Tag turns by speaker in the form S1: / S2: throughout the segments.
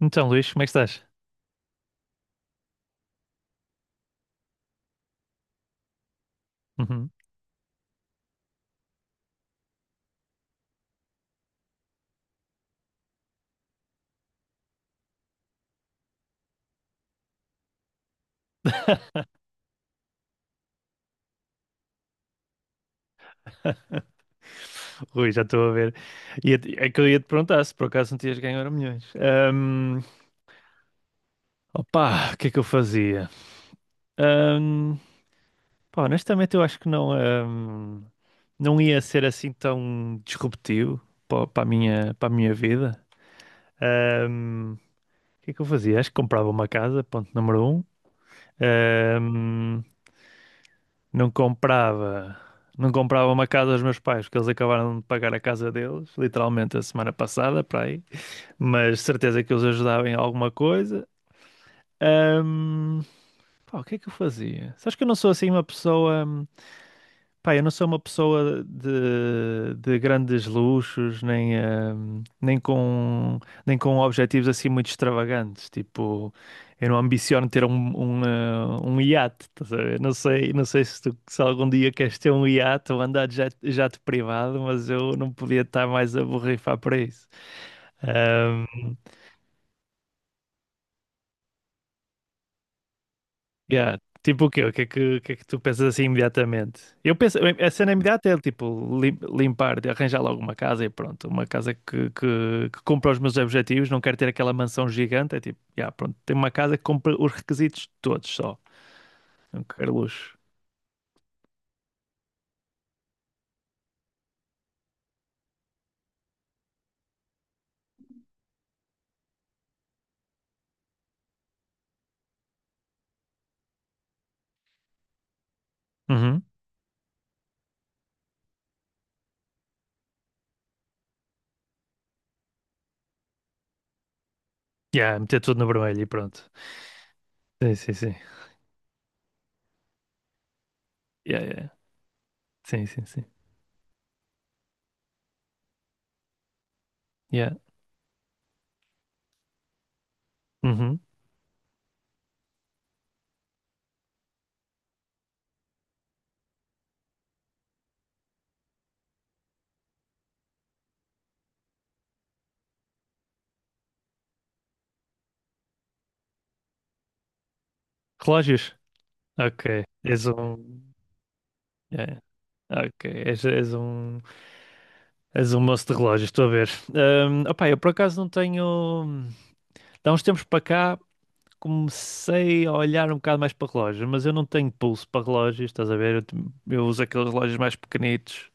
S1: Então, Luís, como é que estás? Uhum. Rui, já estou a ver. É que eu ia te perguntar se por acaso não tinhas ganho Euro milhões. Opa, o que é que eu fazia? Ahm, pá, honestamente, eu acho que não ia ser assim tão disruptivo para a minha, para a minha vida. Ahm, o que é que eu fazia? Acho que comprava uma casa, ponto número um. Ahm, não comprava, não comprava uma casa aos meus pais, porque eles acabaram de pagar a casa deles, literalmente a semana passada, para aí. Mas certeza que os ajudava em alguma coisa. Ahm, pá, o que é que eu fazia? Sabes que eu não sou assim uma pessoa. Pá, eu não sou uma pessoa de grandes luxos, nem, nem com objetivos assim muito extravagantes. Tipo, eu não ambiciono ter um iate, estás a ver? Não sei se, se algum dia queres ter um iate ou andar de jato privado, mas eu não podia estar mais a borrifar para isso. Hum, yeah. Tipo o quê? O que é que tu pensas assim imediatamente? Eu penso, a cena imediata é tipo limpar, de arranjar logo uma casa e pronto, uma casa que cumpra os meus objetivos, não quero ter aquela mansão gigante, é tipo, yeah, pronto, tenho uma casa que cumpre os requisitos todos só, não quero luxo. Uhum. Yeah, meter tudo no vermelho e pronto. Sim, sim, sim. Yeah, yeah. Sim, sim, sim. Yeah. Uhum. Relógios? Ok. És um. Yeah. Ok. És um. És um moço de relógios, estou a ver. Opá, eu por acaso não tenho. Há uns tempos para cá comecei a olhar um bocado mais para relógios, mas eu não tenho pulso para relógios, estás a ver? Eu uso aqueles relógios mais pequenitos.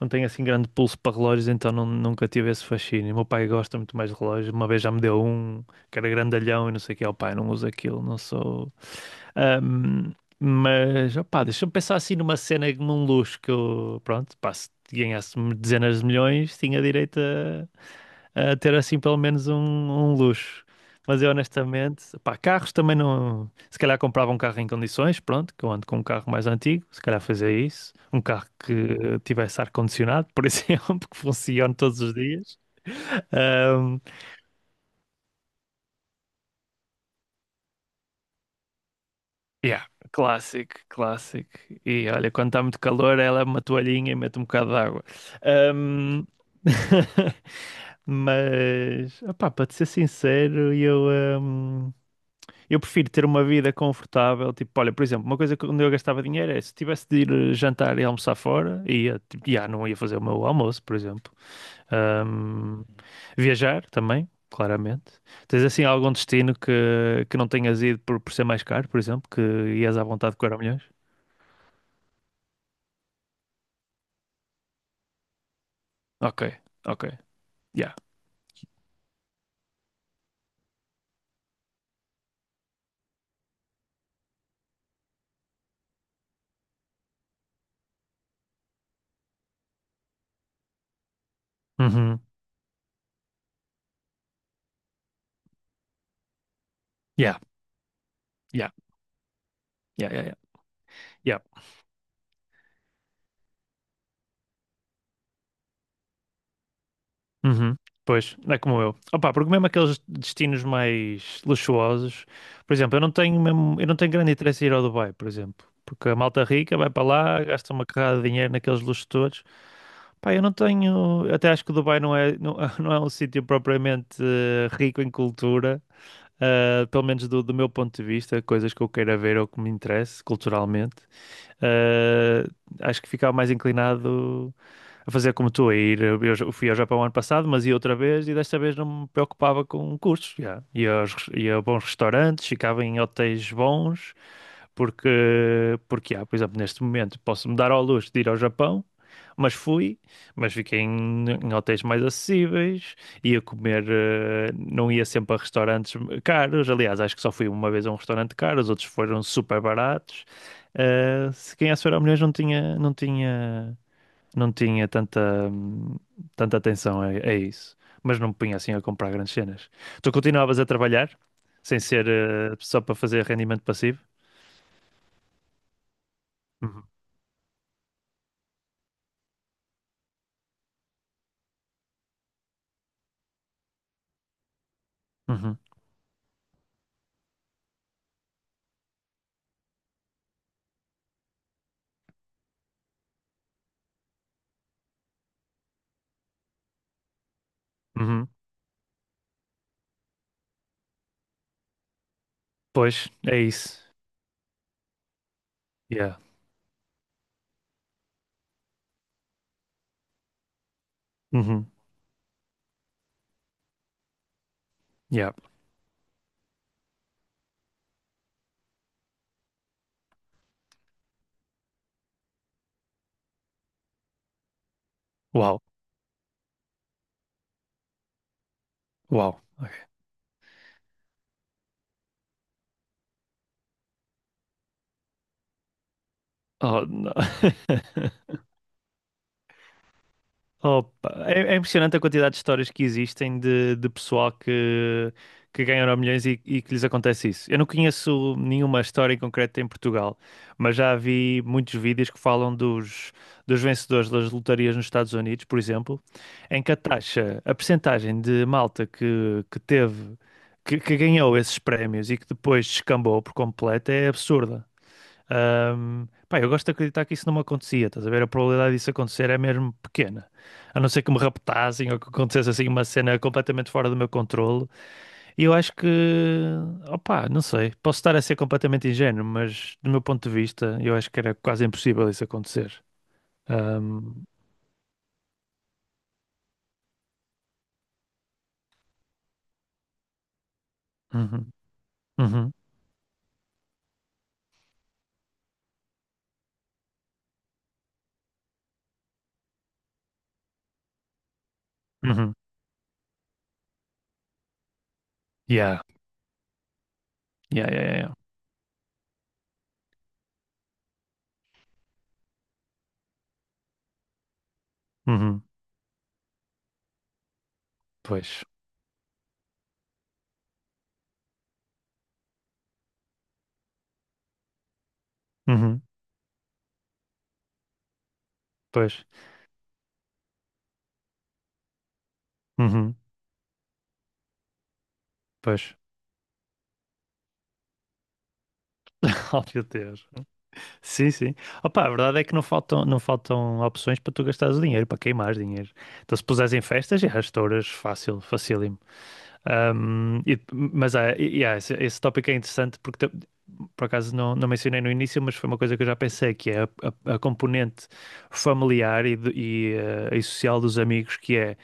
S1: Não tenho assim grande pulso para relógios, então nunca tive esse fascínio. O meu pai gosta muito mais de relógios. Uma vez já me deu um que era grandalhão e não sei o que. O pai não usa aquilo, não sou. Ahm, mas, opá, deixa-me pensar assim numa cena, num luxo que eu, pronto, pá, se ganhasse dezenas de milhões, tinha direito a ter assim pelo menos um luxo. Mas eu honestamente, pá, carros também não. Se calhar comprava um carro em condições, pronto, que eu ando com um carro mais antigo, se calhar fazia isso. Um carro que tivesse ar-condicionado, por exemplo, que funcione todos os dias. Ahm, yeah, clássico, clássico. E olha, quando está muito calor, ela é uma toalhinha e mete um bocado de água. Ahm, Mas, opá, para te ser sincero, eu. Eu prefiro ter uma vida confortável, tipo, olha, por exemplo, uma coisa que onde eu gastava dinheiro é se tivesse de ir jantar e almoçar fora, ia, tipo, já não ia fazer o meu almoço, por exemplo. Ahm, viajar também, claramente. Tens assim algum destino que não tenhas ido por ser mais caro, por exemplo, que ias à vontade com Euromilhões? Ok, ok, yeah. Uhum. Yeah, yeah, yeah, yeah, yeah. Yeah. Uhum. Pois, é como eu. Opa, porque mesmo aqueles destinos mais luxuosos, por exemplo, eu não tenho mesmo, eu não tenho grande interesse em ir ao Dubai, por exemplo, porque a malta rica vai para lá, gasta uma carrada de dinheiro naqueles luxos todos. Pá, eu não tenho, até acho que o Dubai não é, não, não é um sítio propriamente rico em cultura, pelo menos do meu ponto de vista, coisas que eu queira ver ou que me interesse culturalmente. Uh, Acho que ficava mais inclinado a fazer como tu, a ir. Eu fui ao Japão ano passado, mas ia outra vez e desta vez não me preocupava com custos. Já. Ia a bons restaurantes, ficava em hotéis bons, porque, porque, já, por exemplo, neste momento posso-me dar ao luxo de ir ao Japão mas fui, mas fiquei em hotéis mais acessíveis, ia comer, não ia sempre a restaurantes caros. Aliás, acho que só fui uma vez a um restaurante caro, os outros foram super baratos. Se quem é era milhões não tinha tanta, tanta atenção a isso. Mas não me punha assim a comprar grandes cenas. Tu continuavas a trabalhar, sem ser, só para fazer rendimento passivo? Uhum. Uhum. Uhum. Pois, é isso. Yeah. Uhum. Yeah. Uau. Uau. Ok. Oh, não. Opa, é impressionante a quantidade de histórias que existem de pessoal que ganha Euromilhões e que lhes acontece isso. Eu não conheço nenhuma história em concreto em Portugal, mas já vi muitos vídeos que falam dos vencedores das lotarias nos Estados Unidos, por exemplo, em que a taxa, a percentagem de malta que teve, que ganhou esses prémios e que depois descambou por completo é absurda. Pá, eu gosto de acreditar que isso não me acontecia, estás a ver? A probabilidade disso acontecer é mesmo pequena. A não ser que me raptassem ou que acontecesse assim uma cena completamente fora do meu controle. E eu acho que, opá, não sei, posso estar a ser completamente ingênuo, mas do meu ponto de vista, eu acho que era quase impossível isso acontecer. Ahm, uhum, uhum, uhum. Yeah, yeah, yeah, yeah. Yeah. Uhum, pois, uhum, pois, uhum, pois. Oh, meu Deus. Sim, sim. Opa, a verdade é que não faltam opções para tu gastares o dinheiro, para queimares dinheiro. Então, se puseres em festas, já estouras fácil, facílimo. Esse tópico é interessante porque, por acaso, não, não mencionei no início, mas foi uma coisa que eu já pensei, que é a componente familiar e social dos amigos, que é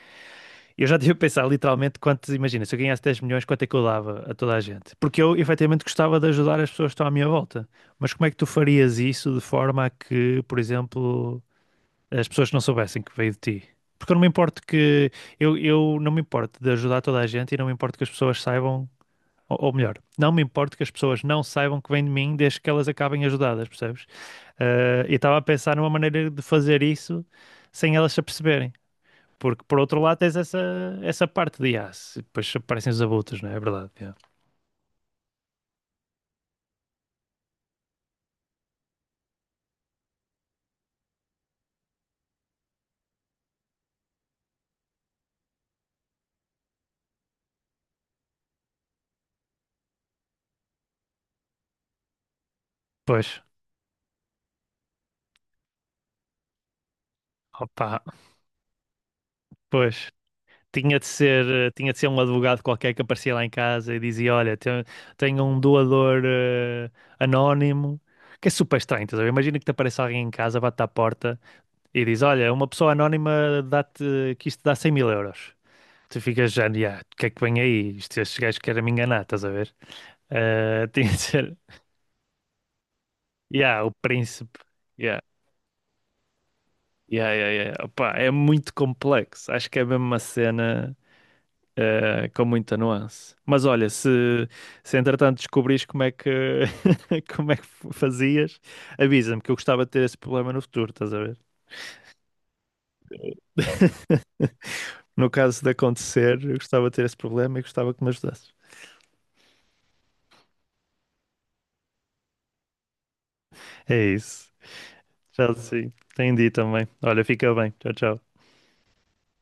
S1: eu já tive a pensar literalmente quanto, imagina, se eu ganhasse 10 milhões, quanto é que eu dava a toda a gente? Porque eu efetivamente gostava de ajudar as pessoas que estão à minha volta. Mas como é que tu farias isso de forma a que, por exemplo, as pessoas não soubessem que veio de ti? Porque eu não me importo eu não me importo de ajudar toda a gente e não me importo que as pessoas saibam, ou melhor, não me importo que as pessoas não saibam que vem de mim desde que elas acabem ajudadas, percebes? E estava a pensar numa maneira de fazer isso sem elas se aperceberem. Porque por outro lado tens essa, parte de aço, e depois aparecem os abutres, não é? É verdade. É. Pois, opa, pois. Tinha de ser um advogado qualquer que aparecia lá em casa e dizia: Olha, tenho, tenho um doador anónimo, que é super estranho, estás a ver? Imagina que te apareça alguém em casa, bate à porta e diz: Olha, uma pessoa anónima dá-te, que isto dá 100 mil euros. Tu ficas já, "Ya, o que é que vem aí? Isto, estes gajos querem me enganar, estás a ver? Tinha de ser, yeah, o príncipe. Ya." Yeah, yeah, yeah. Opá, é muito complexo. Acho que é mesmo uma cena com muita nuance. Mas olha, se entretanto descobrires como é que como é que fazias, avisa-me que eu gostava de ter esse problema no futuro, estás a ver? No caso de acontecer, eu gostava de ter esse problema e gostava que me ajudasses. É isso. Já sim. Entendi também. Olha, fica bem. Tchau, tchau.